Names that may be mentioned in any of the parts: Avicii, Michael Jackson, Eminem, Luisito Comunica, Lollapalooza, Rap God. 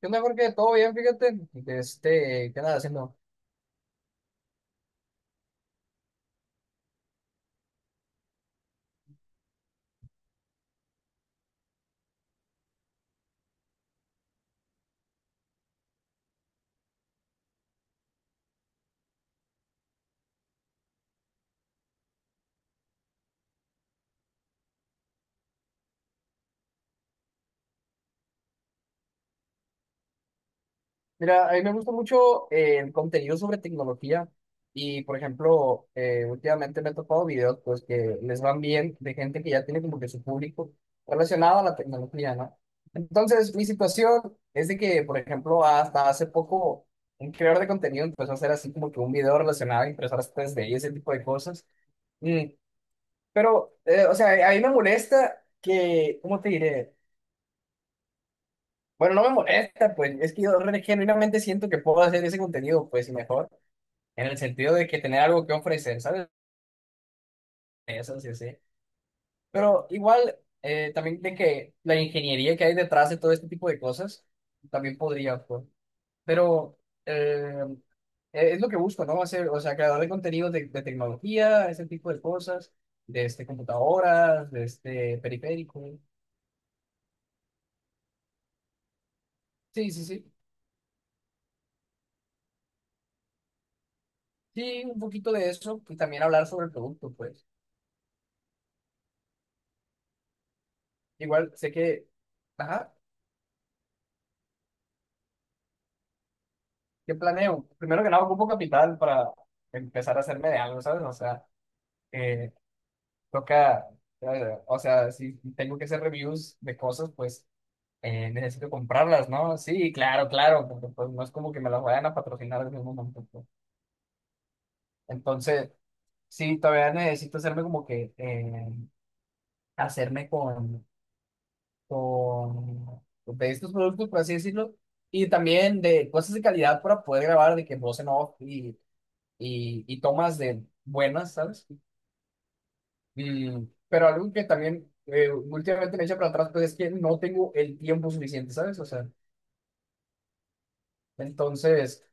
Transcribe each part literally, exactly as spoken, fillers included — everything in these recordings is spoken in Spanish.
¿Qué onda, Jorge? ¿Todo bien? Fíjate, de este, ¿qué andas haciendo? Mira, a mí me gusta mucho eh, el contenido sobre tecnología y, por ejemplo, eh, últimamente me he topado videos pues que les van bien de gente que ya tiene como que su público relacionado a la tecnología, ¿no? Entonces, mi situación es de que, por ejemplo, hasta hace poco un creador de contenido empezó a hacer así como que un video relacionado a impresoras tres D y ese tipo de cosas. Mm, pero, eh, o sea, a mí me molesta que, ¿cómo te diré? Bueno, no me molesta, pues es que yo re- genuinamente siento que puedo hacer ese contenido, pues y mejor, en el sentido de que tener algo que ofrecer, ¿sabes? Eso sí, sí. Pero igual, eh, también de que la ingeniería que hay detrás de todo este tipo de cosas, también podría, pues. Pero eh, eh, es lo que busco, ¿no? Hacer, o sea, creador de contenido de, de tecnología, ese tipo de cosas, de este, computadoras, de este, periférico. Sí, sí, sí. Sí, un poquito de eso y también hablar sobre el producto, pues. Igual sé que, ajá, ¿qué planeo? Primero que nada, ocupo capital para empezar a hacerme de algo, ¿sabes? O sea, eh, toca, eh, o sea, si tengo que hacer reviews de cosas, pues eh, necesito comprarlas, ¿no? Sí, claro, claro, porque pues no es como que me las vayan a patrocinar al mismo momento, pues. Entonces, sí, todavía necesito hacerme como que, eh, hacerme con con de estos productos, por así decirlo, y también de cosas de calidad para poder grabar de que voz en off y, y, y tomas de buenas, ¿sabes? Mm, pero algo que también eh, últimamente me echa para atrás, pues es que no tengo el tiempo suficiente, ¿sabes? O sea, entonces,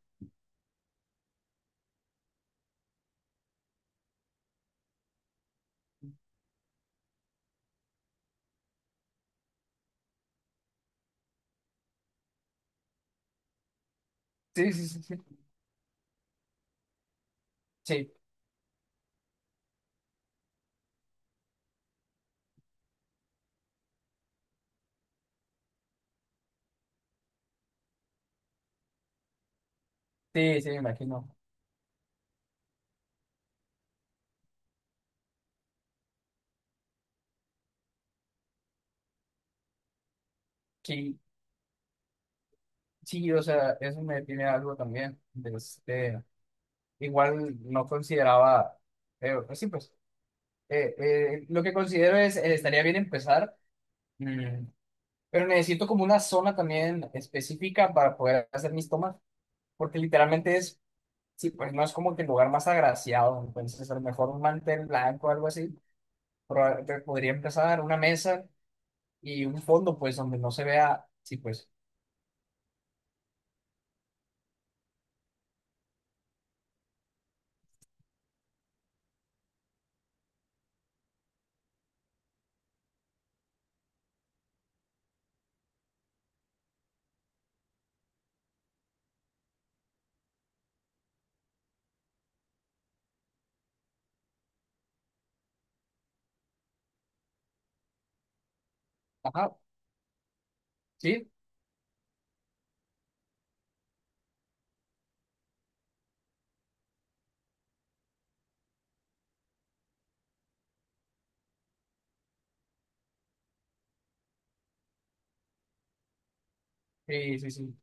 sí, sí, sí, sí, sí, sí, sí, me imagino. Sí, sí, o sea, eso me tiene algo también. De este, igual no consideraba, eh, pues sí, pues. Eh, eh, lo que considero es, eh, estaría bien empezar, mm, pero necesito como una zona también específica para poder hacer mis tomas, porque literalmente es, sí, pues no es como que el lugar más agraciado, entonces a lo mejor un mantel blanco o algo así, proba- te podría empezar una mesa y un fondo, pues donde no se vea, sí, pues, ajá, sí, sí, sí, sí,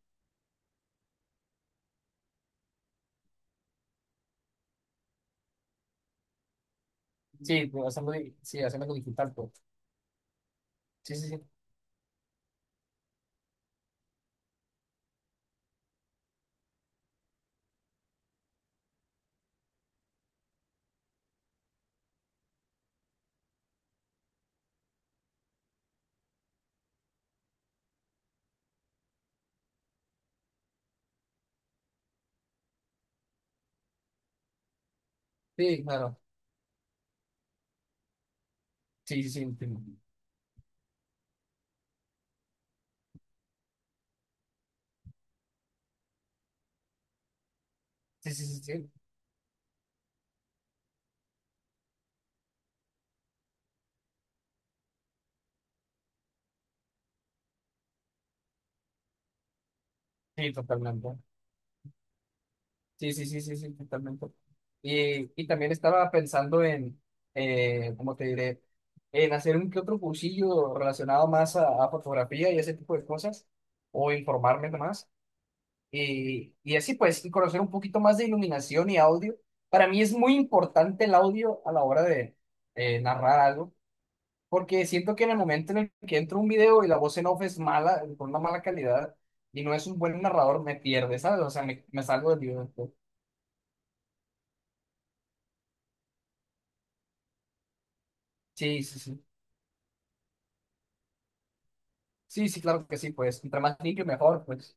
sí, pues, hacerlo, di- sí, hacerlo digital, pues, sí, sí, sí, sí, claro, sí, sí, sí, entiendo. Sí, sí, sí, sí, sí, totalmente. Sí, sí, sí, sí, sí, totalmente. Y, y también estaba pensando en, eh, como te diré, en hacer un que otro cursillo relacionado más a, a fotografía y ese tipo de cosas, o informarme más. Y, y así pues, y conocer un poquito más de iluminación y audio. Para mí es muy importante el audio a la hora de eh, narrar algo, porque siento que en el momento en el que entra un video y la voz en off es mala, con una mala calidad, y no es un buen narrador, me pierde, ¿sabes? O sea, me, me salgo del video. Sí, sí, sí. Sí, sí, claro que sí, pues entre más limpio mejor, pues.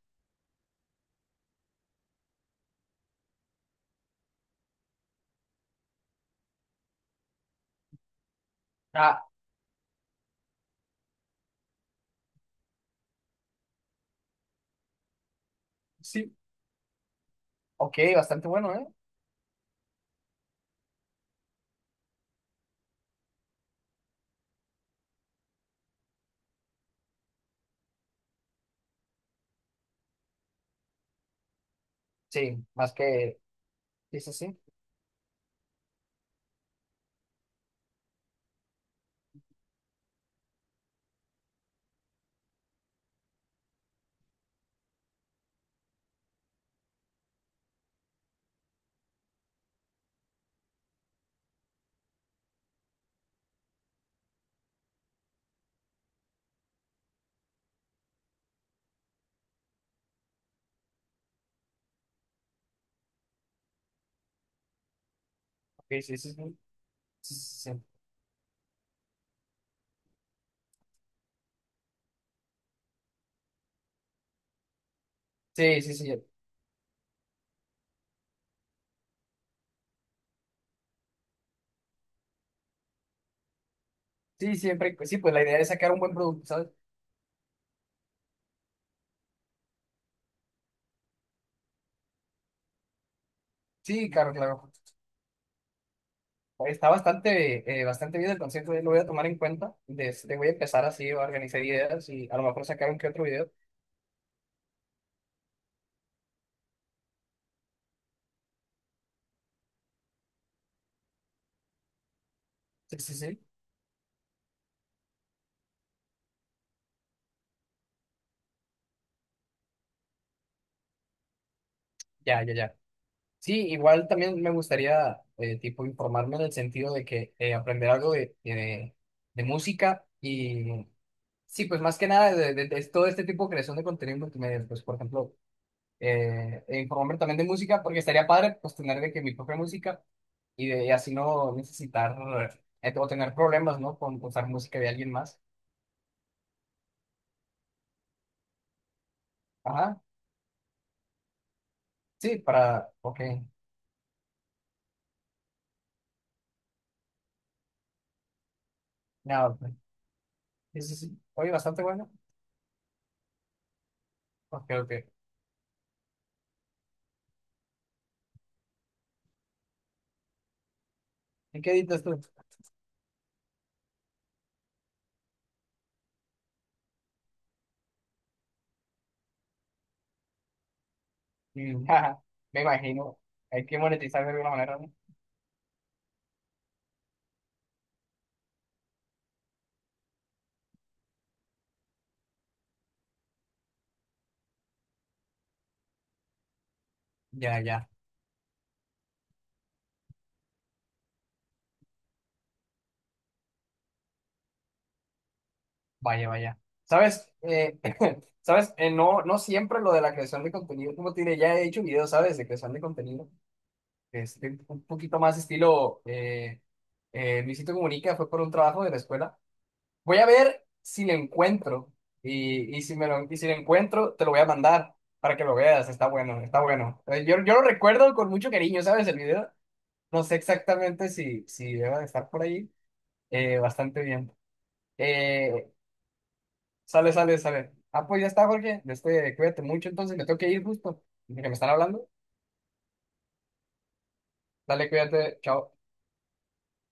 Ah, sí, ok, bastante bueno, ¿eh? Sí, más que, sí, sí, sí, ok, sí, sí, sí, sí, sí, sí, sí, sí, sí, sí, siempre, pues sí, pues la idea es sacar un buen producto, ¿sabes? Sí, claro, claro, está bastante, eh, bastante bien el concepto, eh, lo voy a tomar en cuenta, de este, voy a empezar así a organizar ideas y a lo mejor sacar un que otro video, sí, sí, sí, ya, ya, ya. Sí, igual también me gustaría, eh, tipo, informarme en el sentido de que eh, aprender algo de de- de música y sí, pues más que nada de, de- de todo este tipo de creación de contenido multimedia, pues por ejemplo, eh, e informarme también de música, porque estaría padre pues tener de que mi propia música y de y así no necesitar eh, o tener problemas, ¿no? Con usar música de alguien más. Ajá, sí, para, ok, nada, pues, sí, sí, sí. Oye, bastante bueno. Ok, ok. ¿Y qué editas tú? Mm, jaja, me imagino, hay que monetizar de alguna manera, ¿no? Ya, ya. Vaya, vaya. ¿Sabes? Eh, ¿sabes? Eh, no, no siempre lo de la creación de contenido, como te diré, ya he hecho videos, ¿sabes? De creación de contenido. Este, un poquito más estilo eh, eh, Luisito Comunica, fue por un trabajo de la escuela. Voy a ver si lo encuentro. Y, y si me lo, y si lo encuentro, te lo voy a mandar para que lo veas. Está bueno, está bueno. Eh, Yo, yo lo recuerdo con mucho cariño, ¿sabes? El video. No sé exactamente si, si debe de estar por ahí. Eh, bastante bien. Eh, Sale, sale, sale. Ah, pues ya está, Jorge. Este, cuídate mucho, entonces me tengo que ir justo. Que me están hablando. Dale, cuídate. Chao.